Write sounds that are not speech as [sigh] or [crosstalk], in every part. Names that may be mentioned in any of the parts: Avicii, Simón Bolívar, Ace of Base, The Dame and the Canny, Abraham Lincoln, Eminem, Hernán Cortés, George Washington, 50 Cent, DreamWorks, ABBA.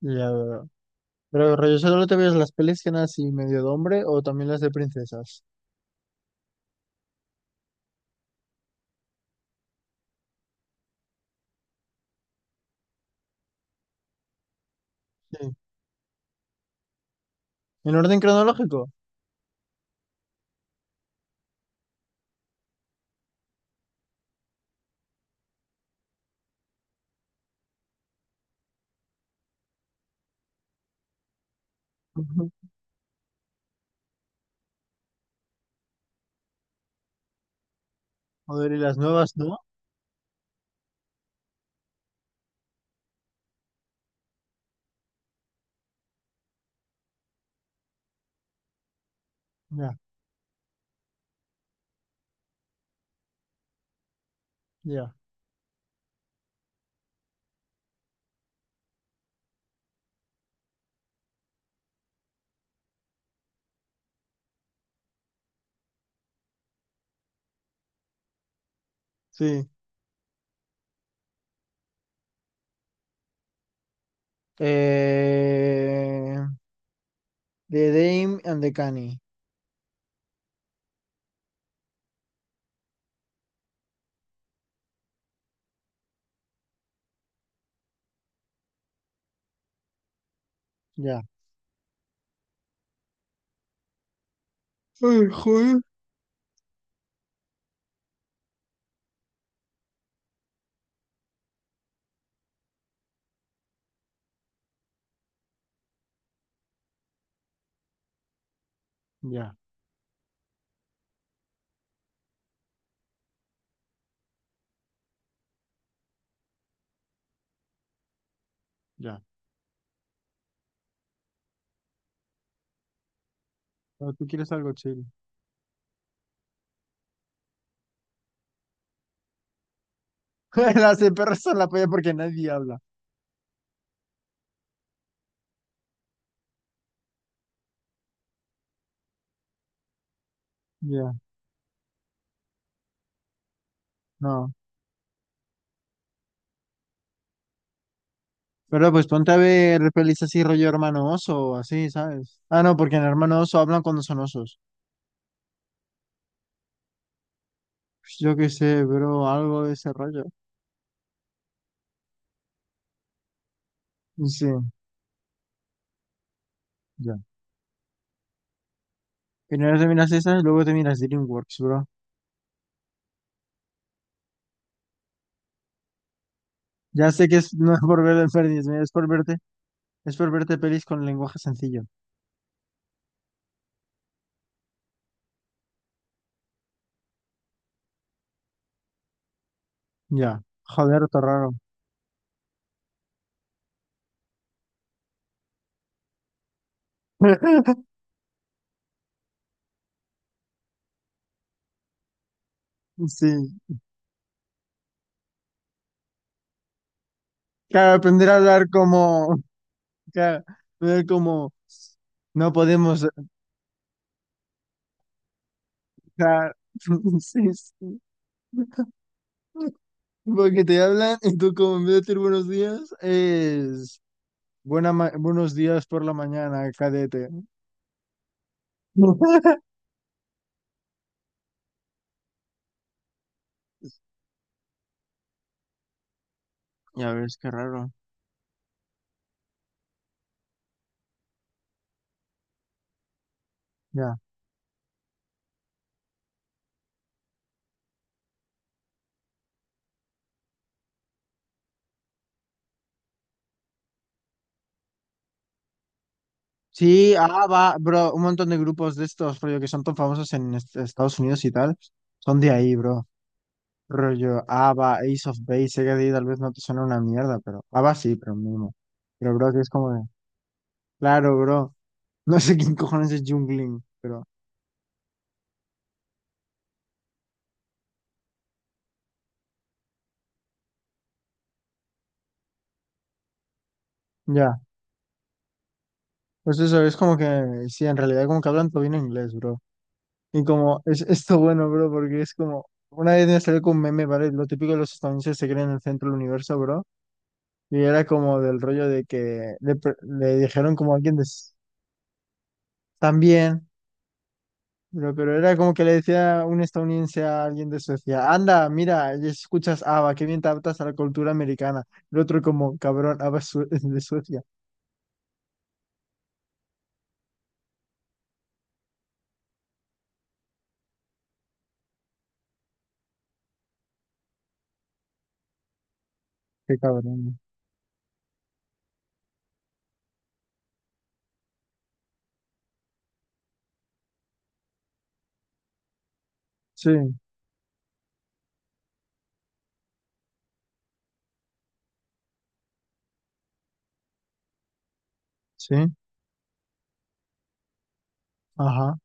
Ya veo. Pero rollo, ¿solo te ves las pelis que eran así medio de hombre o también las de princesas? Sí. ¿En orden cronológico? Ujú. Joder, y las nuevas, ¿no? Ya, ya. Sí. Eh... The Dame and the Canny. Ya. Ay, joder. Ya, ya. Pero tú quieres algo chill. [laughs] Las de perros son la polla porque nadie habla. Ya, no. Pero pues ponte a ver pelis así rollo hermano oso o así, ¿sabes? Ah, no, porque en hermano oso hablan cuando son osos. Pues yo qué sé, bro, algo de ese rollo. Sí, ya. Primero terminas miras esa y luego terminas DreamWorks, bro. Ya sé que es, no es por ver el Fernis, es por verte pelis con lenguaje sencillo. Ya. Joder, todo raro. [laughs] Sí. Claro, aprender a hablar como, [laughs] claro, ver como no podemos. Claro. [laughs] Sí, sí. Porque te hablan y tú como en vez de decir buenos días es buenos días por la mañana, cadete. [laughs] Ya ves, qué raro. Ya. Sí, ah, va, bro, un montón de grupos de estos, rollo, que son tan famosos en Estados Unidos y tal, son de ahí, bro. Rollo, ABBA, Ace of Base, sé que a ti tal vez no te suena una mierda, pero ABBA sí, pero mínimo. Pero, bro, que es como de, claro, bro, [laughs] no sé quién cojones es Jungling, pero ya. Pues eso, es como que, sí, en realidad como que hablan todo bien inglés, bro. Y como, es esto bueno, bro, porque es como, una vez me salió con un meme, ¿vale? Lo típico de los estadounidenses se creen en el centro del universo, bro. Y era como del rollo de que le, le dijeron como a alguien también, pero era como que le decía un estadounidense a alguien de Suecia, anda, mira, y escuchas ABBA, qué bien te adaptas a la cultura americana. El otro como, cabrón, ABBA es es de Suecia. Qué cabrón, ¿no? Sí, sí, ajá,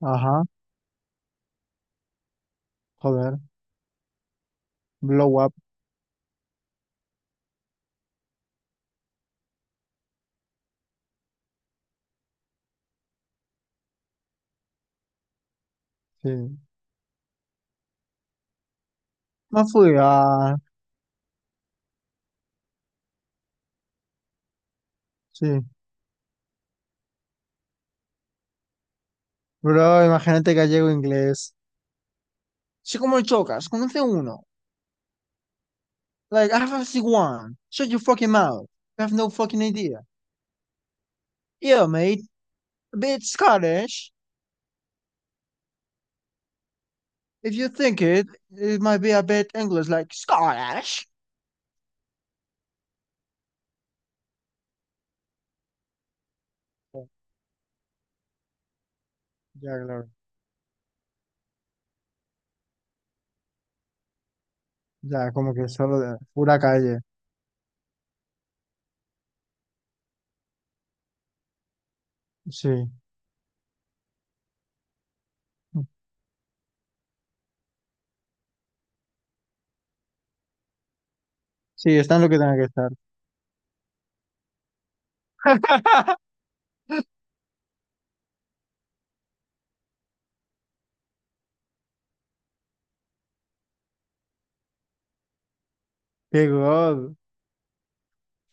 ajá, joder, blow up, sí. No fugar, sí. Bro, imagínate gallego inglés. Sí, como el chocas, conoce uno. Like, I have a C1. Shut your fucking mouth. You have no fucking idea. Yeah, mate. A bit Scottish. If you think it, it might be a bit English, like Scottish. Ya, claro. Ya, como que solo de pura calle. Sí. Sí, están lo que tenga que estar. [laughs] Qué god.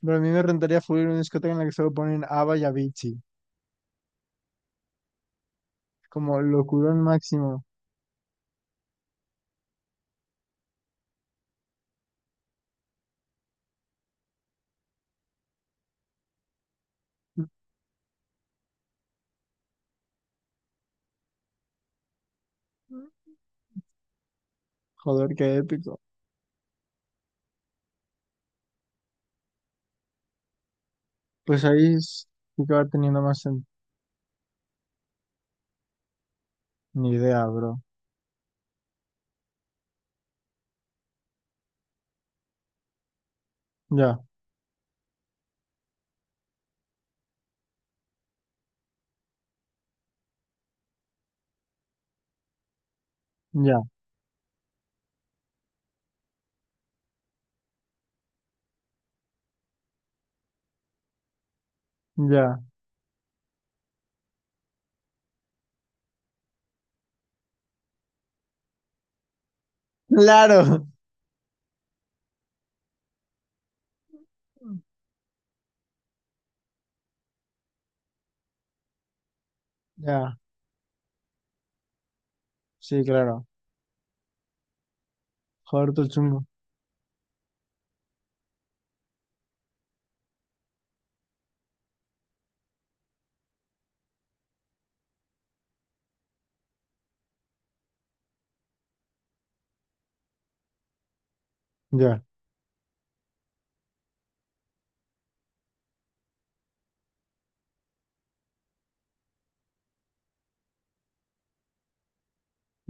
Pero a mí me rentaría full ir a una discoteca en la que solo ponen ABBA y Avicii. Como locurón máximo. Joder, qué épico. Pues sí que va teniendo más sen- Ni idea, bro. Ya, ya, ya. ¡Claro! Ya, sí, claro. Joder, todo chungo. Ya,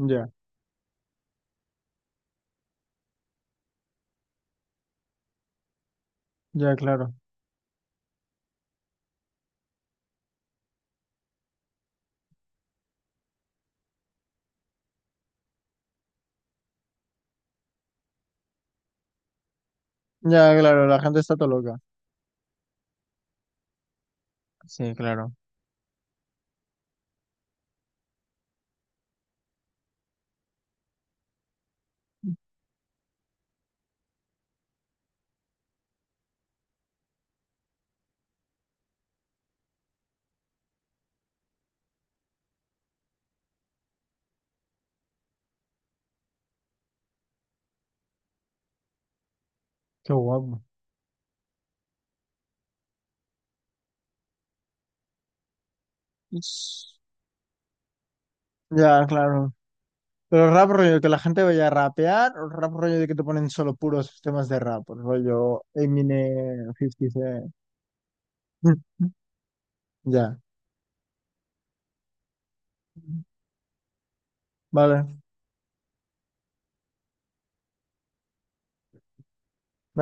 ya, ya, claro. Ya, claro, la gente está todo loca. Sí, claro. Qué guapo. Ish. Ya, claro. Pero rap rollo, que la gente vaya a rapear, o rap rollo de que te ponen solo puros temas de rap, rollo Eminem, 50 Cent. [laughs] Ya, vale.